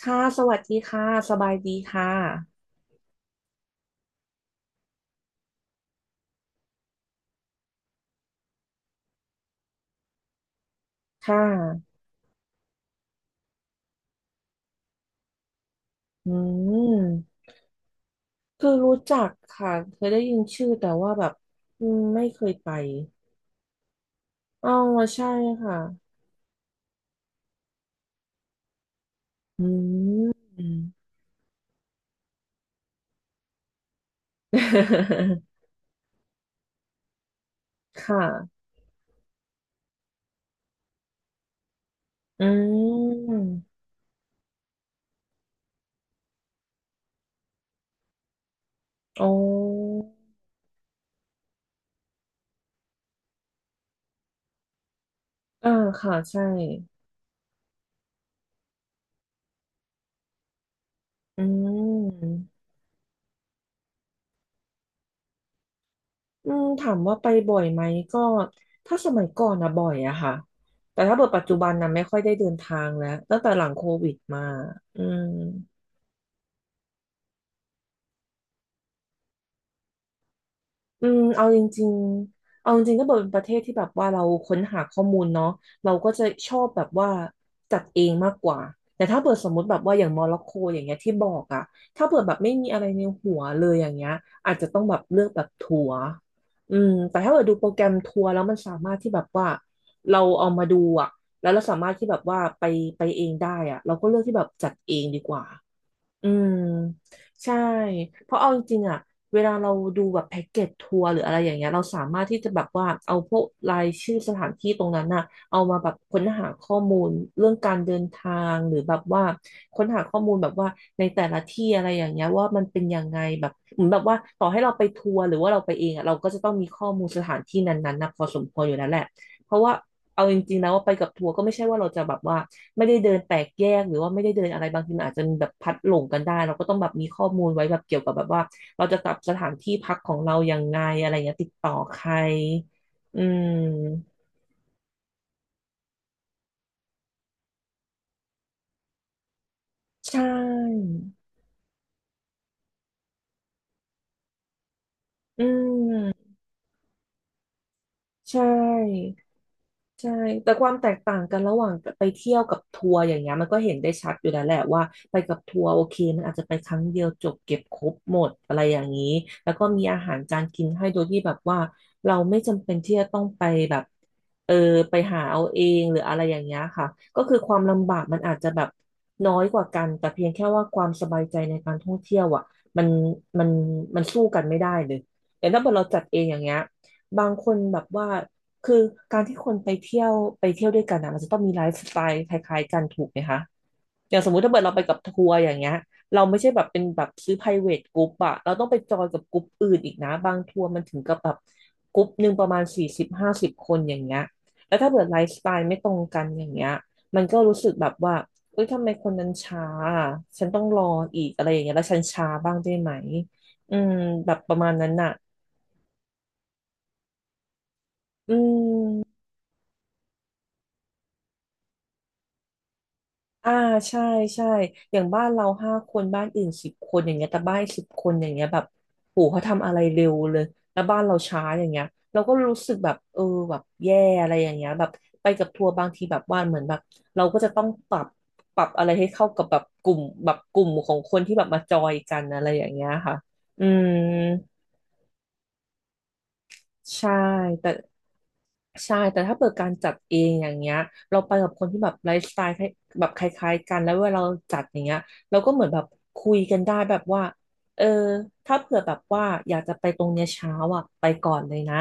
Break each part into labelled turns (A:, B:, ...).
A: ค่ะสวัสดีค่ะสบายดีค่ะ ค่ะอืมคือรู้จักค่ะ เคยได้ยินชื่อแต่ว่าแบบอืมไม่เคยไปอ๋อใช่ค่ะอืม ค่ะอืมอ๋ออ่าค่ะใช่อืมอืมถามว่าไปบ่อยไหมก็ถ้าสมัยก่อนนะบ่อยอะค่ะ แต่ถ้าเกิดปัจจุบันนะไม่ค่อยได้เดินทางแล้วตั้งแต่หลังโควิดมาอืม อืมเอาจริงๆเอาจริงๆก็เป็นประเทศที่แบบว่าเราค้นหาข้อมูลเนาะเราก็จะชอบแบบว่าจัดเองมากกว่าแต่ถ้าเปิดสมมติแบบว่าอย่างโมร็อกโกอย่างเงี้ยที่บอกอะถ้าเปิดแบบไม่มีอะไรในหัวเลยอย่างเงี้ยอาจจะต้องแบบเลือกแบบทัวร์อืมแต่ถ้าเปิดดูโปรแกรมทัวร์แล้วมันสามารถที่แบบว่าเราเอามาดูอะแล้วเราสามารถที่แบบว่าไปเองได้อะเราก็เลือกที่แบบจัดเองดีกว่า อืมใช่เพราะเอาจริงๆอะเวลาเราดูแบบแพ็กเกจทัวร์หรืออะไรอย่างเงี้ยเราสามารถที่จะแบบว่าเอาพวกรายชื่อสถานที่ตรงนั้นน่ะเอามาแบบค้นหาข้อมูลเรื่องการเดินทางหรือแบบว่าค้นหาข้อมูลแบบว่าในแต่ละที่อะไรอย่างเงี้ยว่ามันเป็นยังไงแบบเหมือนแบบว่าต่อให้เราไปทัวร์หรือว่าเราไปเองอะเราก็จะต้องมีข้อมูลสถานที่นั้นๆนะพอสมควรอยู่แล้วแหละเพราะว่าเอาจริงๆแล้วว่าไปกับทัวร์ก็ไม่ใช่ว่าเราจะแบบว่า ไม่ได้เดินแตกแยกหรือว่าไม่ได้เดินอะไรบางทีมันอาจจะมีแบบพัดหลงกันได้เราก็ต้องแบบมีข้อมูลไว้แบบเกี่ยวกับแบบว่าเราจะกลับสถานที่พักของเรายังไงอะไรเงี้ยติดต่อใคร อืมใช่ อืมใช่ ใช่แต่ความแตกต่างกันระหว่างไปเที่ยวกับทัวร์อย่างเงี้ยมันก็เห็นได้ชัดอยู่แล้วแหละว่าไปกับทัวร์โอเคมันอาจจะไปครั้งเดียวจบเก็บครบหมดอะไรอย่างนี้แล้วก็มีอาหารจานกินให้โดยที่แบบว่าเราไม่จำเป็นที่จะต้องไปแบบเออไปหาเอาเองหรืออะไรอย่างเงี้ยค่ะก็คือความลำบากมันอาจจะแบบน้อยกว่ากันแต่เพียงแค่ว่าความสบายใจในการท่องเที่ยวอ่ะมันมันมันสู้กันไม่ได้เลยแต่ถ้าเกิดเราจัดเองอย่างเงี้ยบางคนแบบว่า คือการที่คนไปเที่ยวด้วยกันนะมันจะต้องมีไลฟ์สไตล์คล้ายๆกันถูกไหมคะอย่างสมมุติถ้าเกิดเราไปกับทัวร์อย่างเงี้ยเราไม่ใช่แบบเป็นแบบซื้อ private group อะเราต้องไปจอยกับกลุ่มอื่นอีกนะบางทัวร์มันถึงกับแบบกลุ่มหนึ่งประมาณ40-50 คนอย่างเงี้ยแล้วถ้าเกิดไลฟ์สไตล์ไม่ตรงกันอย่างเงี้ยมันก็รู้สึกแบบว่าเอ้ยทำไมคนนั้นช้าอะฉันต้องรออีกอะไรอย่างเงี้ยแล้วฉันช้าบ้างได้ไหมอืมแบบประมาณนั้นน่ะอืม อ่าใช่ใช่อย่างบ้านเรา5 คนบ้านอื่นสิบคนอย่างเงี้ยแต่บ้านสิบคนอย่างเงี้ยแบบโหเขาทำอะไรเร็วเลยแล้วบ้านเราช้าอย่างเงี้ยเราก็รู้สึกแบบเออแบบแย่อะไรอย่างเงี้ยแบบไปกับทัวร์บางทีแบบว่าเหมือนแบบเราก็จะต้องปรับอะไรให้เข้ากับแบบกลุ่มของคนที่แบบมาจอยกันอะไรอย่างเงี้ยค่ะอืม ใช่แต่ใช่แต่ถ้าเปิดการจัดเองอย่างเงี้ยเราไปกับคนที่แบบไลฟ์สไตล์คล้ายแบบคล้ายๆกันแล้วเวลาเราจัดอย่างเงี้ยเราก็เหมือนแบบคุยกันได้แบบว่าเออถ้าเผื่อแบบว่าอยากจะไปตรงเนี้ยเช้าอ่ะไปก่อนเลยนะ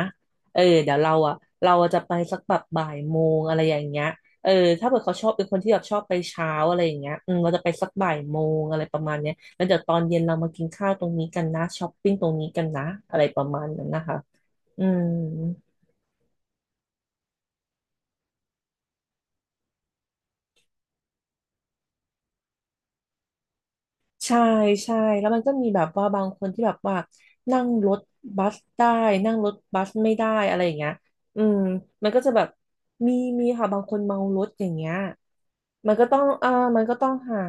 A: เออเดี๋ยวเราอ่ะเราจะไปสักแบบบ่ายโมงอะไรอย่างเงี้ยเออถ้าเผื่อเขาชอบเป็นคนที่แบบชอบไปเช้าอะไรอย่างเงี้ยอืมเราจะไปสักบ่ายโมงอะไรประมาณเนี้ยแล้วเดี๋ยวตอนเย็นเรามากินข้าวตรงนี้กันนะช้อปปิ้งตรงนี้กันนะอะไรประมาณนั้นนะคะ อืมใช่ใช่แล้วมันก็มีแบบว่าบางคนที่แบบว่านั่งรถบัสได้นั่งรถบัสไม่ได้อะไรอย่างเงี้ยอืมมันก็จะแบบมีมีค่ะบางคนเมารถอย่างเงี้ยมันก็ต้องอ่ามันก็ต้องหา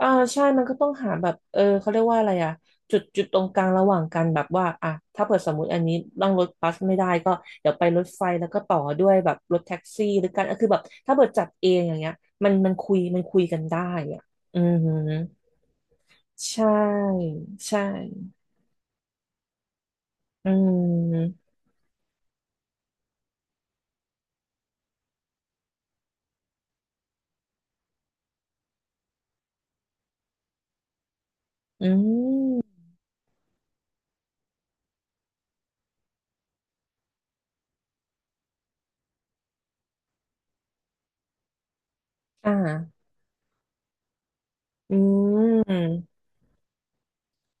A: อ่าใช่มันก็ต้องหาแบบเออเขาเรียกว่าอะไรอะจุดตรงกลางระหว่างกันแบบว่าอ่ะถ้าเปิดสมมติอันนี้นั่งรถบัสไม่ได้ก็เดี๋ยวไปรถไฟแล้วก็ต่อด้วยแบบรถแท็กซี่หรือกันก็คือแบบถ้าเปิดจัดเองอย่างเงี้ยมันคุยคุยกันได้อ่ะอือหือใช่ใช่อืมอืมอ่าอืม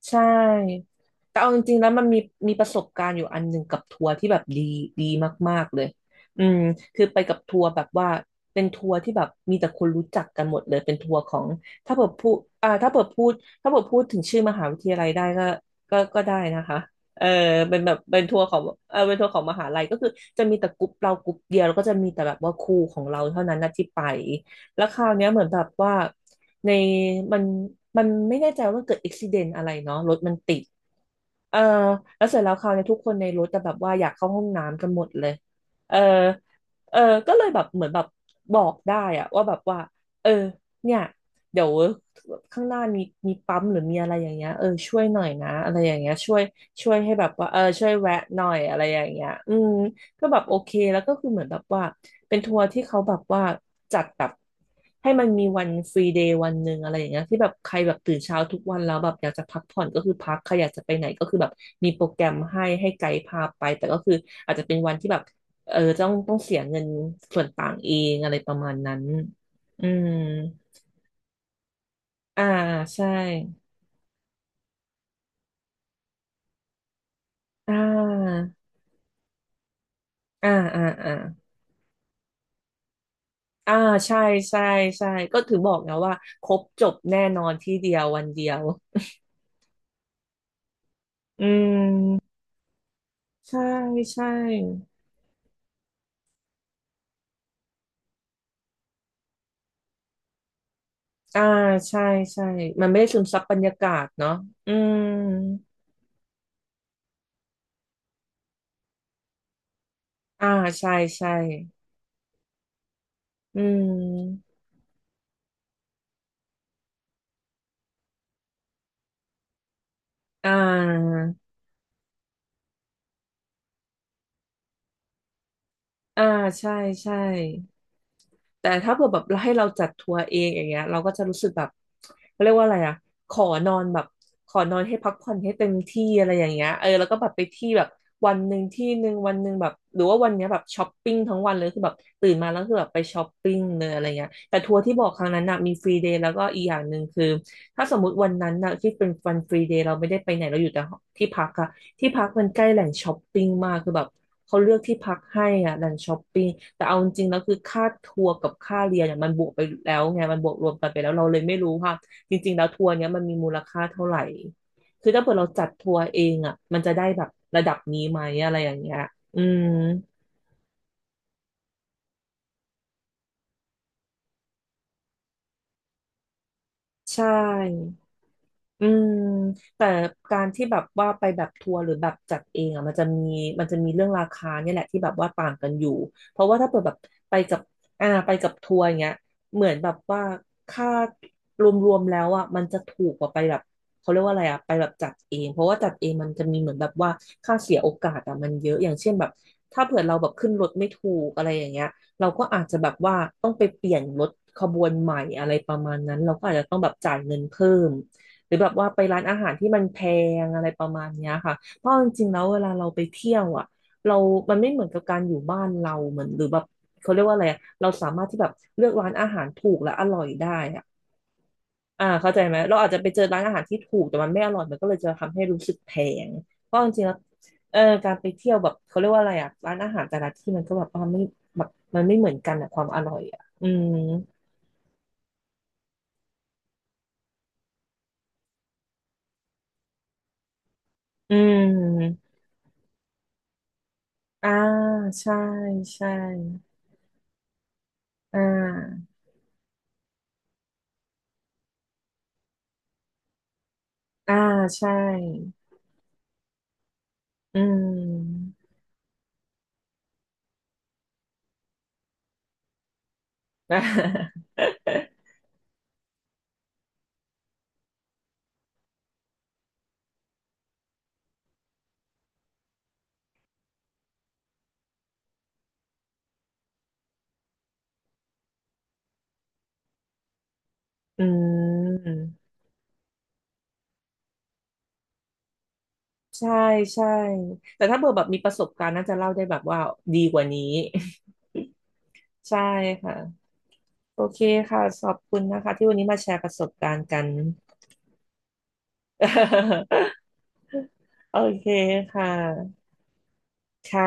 A: ใช่แต่เอาจริงๆแล้วมีมีประสบการณ์อยู่อันหนึ่งกับทัวร์ที่แบบดีมากๆเลยอืมคือไปกับทัวร์แบบว่าเป็นทัวร์ที่แบบมีแต่คนรู้จักกันหมดเลยเป็นทัวร์ของถ้าเปิดพูดอ่าถ้าเปิดพูดถึงชื่อมหาวิทยาลัยได้ก็ก็ได้นะคะเออเป็นแบบเป็นทัวร์ของเออเป็นทัวร์ของมหาลัยก็คือจะมีแต่กลุ่มเรากลุ่มเดียวแล้วก็จะมีแต่แบบว่าครูของเราเท่านั้นนะที่ไปแล้วคราวเนี้ยเหมือนแบบว่า ในมันมันไม่แน่ใจว่ามันเกิดอุบิเหตุอะไรเนาะรถมันติดเออแล้วเสร็จแล้วคราวนี้ทุกคนในรถแต่แบบว่าอยากเข้าห้องน้ำกันหมดเลยเออเออก็เลยแบบเหมือนแบบบอกได้อะว่าแบบว่าเออเนี่ยเดี๋ยวข้างหน้ามีปั๊มหรือมีอะไรอย่างเงี้ยเออช่วยหน่อยนะอะไรอย่างเงี้ยช่วยให้แบบว่าเออช่วยแวะหน่อยอะไรอย่างเงี้ยอืมก็แบบโอเคแล้วก็คือเหมือนแบบว่า เป็นทัวร์ที่เขาแบบว่าจัดแบบให้มันมีวันฟรีเดย์วันหนึ่งอะไรอย่างเงี้ยที่แบบใครแบบตื่นเช้าทุกวันแล้วแบบอยากจะพักผ่อนก็คือพักใครอยากจะไปไหนก็คือแบบมีโปรแกรมให้ไกด์พาไปแต่ก็คืออาจจะเป็นวันที่แบบเออต้องเสียเงินส่วนต่างเองอะไรประมาณนั้นอืมอ่าใช่อ่าอ่าอ่าอ่าอ่าใช่ใช่ใช่ก็ถือบอกนะว่าครบจบแน่นอนที่เดียววันเดียวอืม ใช่ใช่ อ่า ใช่ใช่ มันไม่ได้ซึมซับบรรยากาศเนาะอืมอ่า ใช่ใช่ อืมอ่า อ่า ใช่ใช่ แต่ถ้าเผื่อแบบให้เราจัดทัวร์เองอย่างเงี้ยเราก็จะรู้สึกแบบเขาเรียกว่าอะไรอะขอนอนแบบขอนอนให้พักผ่อนให้เต็มที่อะไรอย่างเงี้ยเออแล้วก็แบบไปที่แบบวันหนึ่งที่หนึ่งวันหนึ่งแบบหรือว่าวันเนี้ยแบบช้อปปิ้งทั้งวันเลยคือแบบตื่นมาแล้วคือแบบไปช้อปปิ้งเลยอะไรเงี้ยแต่ทัวร์ที่บอกครั้งนั้นน่ะมีฟรีเดย์แล้วก็อีกอย่างหนึ่งคือถ้าสมมติวันนั้นน่ะที่เป็นวันฟรีเดย์เราไม่ได้ไปไหนเราอยู่แต่ที่พักอะที่พักมันใกล้แหล่งช้อปปิ้งมากคือแบบ เขาเลือกที่พักให้อ่ะดันช้อปปิ้งแต่เอาจริงๆแล้วคือค่าทัวร์กับค่าเรียนเนี่ยมันบวกไปแล้วไงมันบวกรวมกันไปแล้วเราเลยไม่รู้ว่าจริงๆแล้วทัวร์เนี้ยมันมีมูลค่าเท่าไหร่คือถ้าเกิดเราจัดทัวร์เองอ่ะมันจะได้แบบระดับนี้ไหมอะไรอย่างเงี้ยอืมใช่ อืมแต่การที่แบบว่าไปแบบทัวร์หรือแบบจัดเองอ่ะมันจะมีเรื่องราคาเนี่ยแหละที่แบบว่าต่างกันอยู่เพราะว่าถ้าเปิดแบบไปกับอ่าไปกับทัวร์อย่างเงี้ยเหมือนแบบว่าค่ารวมๆแล้วอ่ะมันจะถูกกว่าไปแบบเขาเรียกว่าอะไรอ่ะไปแบบจัดเองเพราะว่าจัดเองมันจะมีเหมือนแบบว่าค่าเสียโอกาสอ่ะมันเยอะอย่างเช่นแบบถ้าเผื่อเราแบบขึ้นรถไม่ถูกอะไรอย่างเงี้ยเราก็อาจจะแบบว่าต้องไปเปลี่ยนรถขบวนใหม่อะไรประมาณนั้นเราก็อาจจะต้องแบบจ่ายเงินเพิ่ม หรือแบบว่าไปร้านอาหารที่มันแพงอะไรประมาณเนี้ยค่ะ เพราะจริงๆแล้วเวลาเราไปเที่ยวอ่ะเรามันไม่เหมือนกับการอยู่บ้านเราเหมือนหรือแบบเขาเรียกว่าอะไรอะเราสามารถที่แบบเลือกร้านอาหารถูกและอร่อยได้อ่ะอ่าเข้าใจไหมเราอาจจะไปเจอร้านอาหารที่ถูกแต่มันไม่อร่อยมันก็เลยจะทำให้รู้สึกแพงเพราะจริงๆแล้วเออการไปเที่ยวแบบเขาเรียกว่าอะไรอ่ะร้านอาหารแต่ละที่มันก็แบบว่าไม่แบบมันไม่เหมือนกันอะความอร่อยอ่ะอืมอืมอ่าใช่ใช่อ่า อ่าใช่อืม อืม ใช่ใช่ แต่ถ้าเบอร์แบบมีประสบการณ์น่าจะเล่าได้แบบว่าดีกว่านี้ ใช่ค่ะโอเคค่ะขอบคุณนะคะที่วันนี้มาแชร์ประสบการณ์กัน โอเคค่ะค่ะ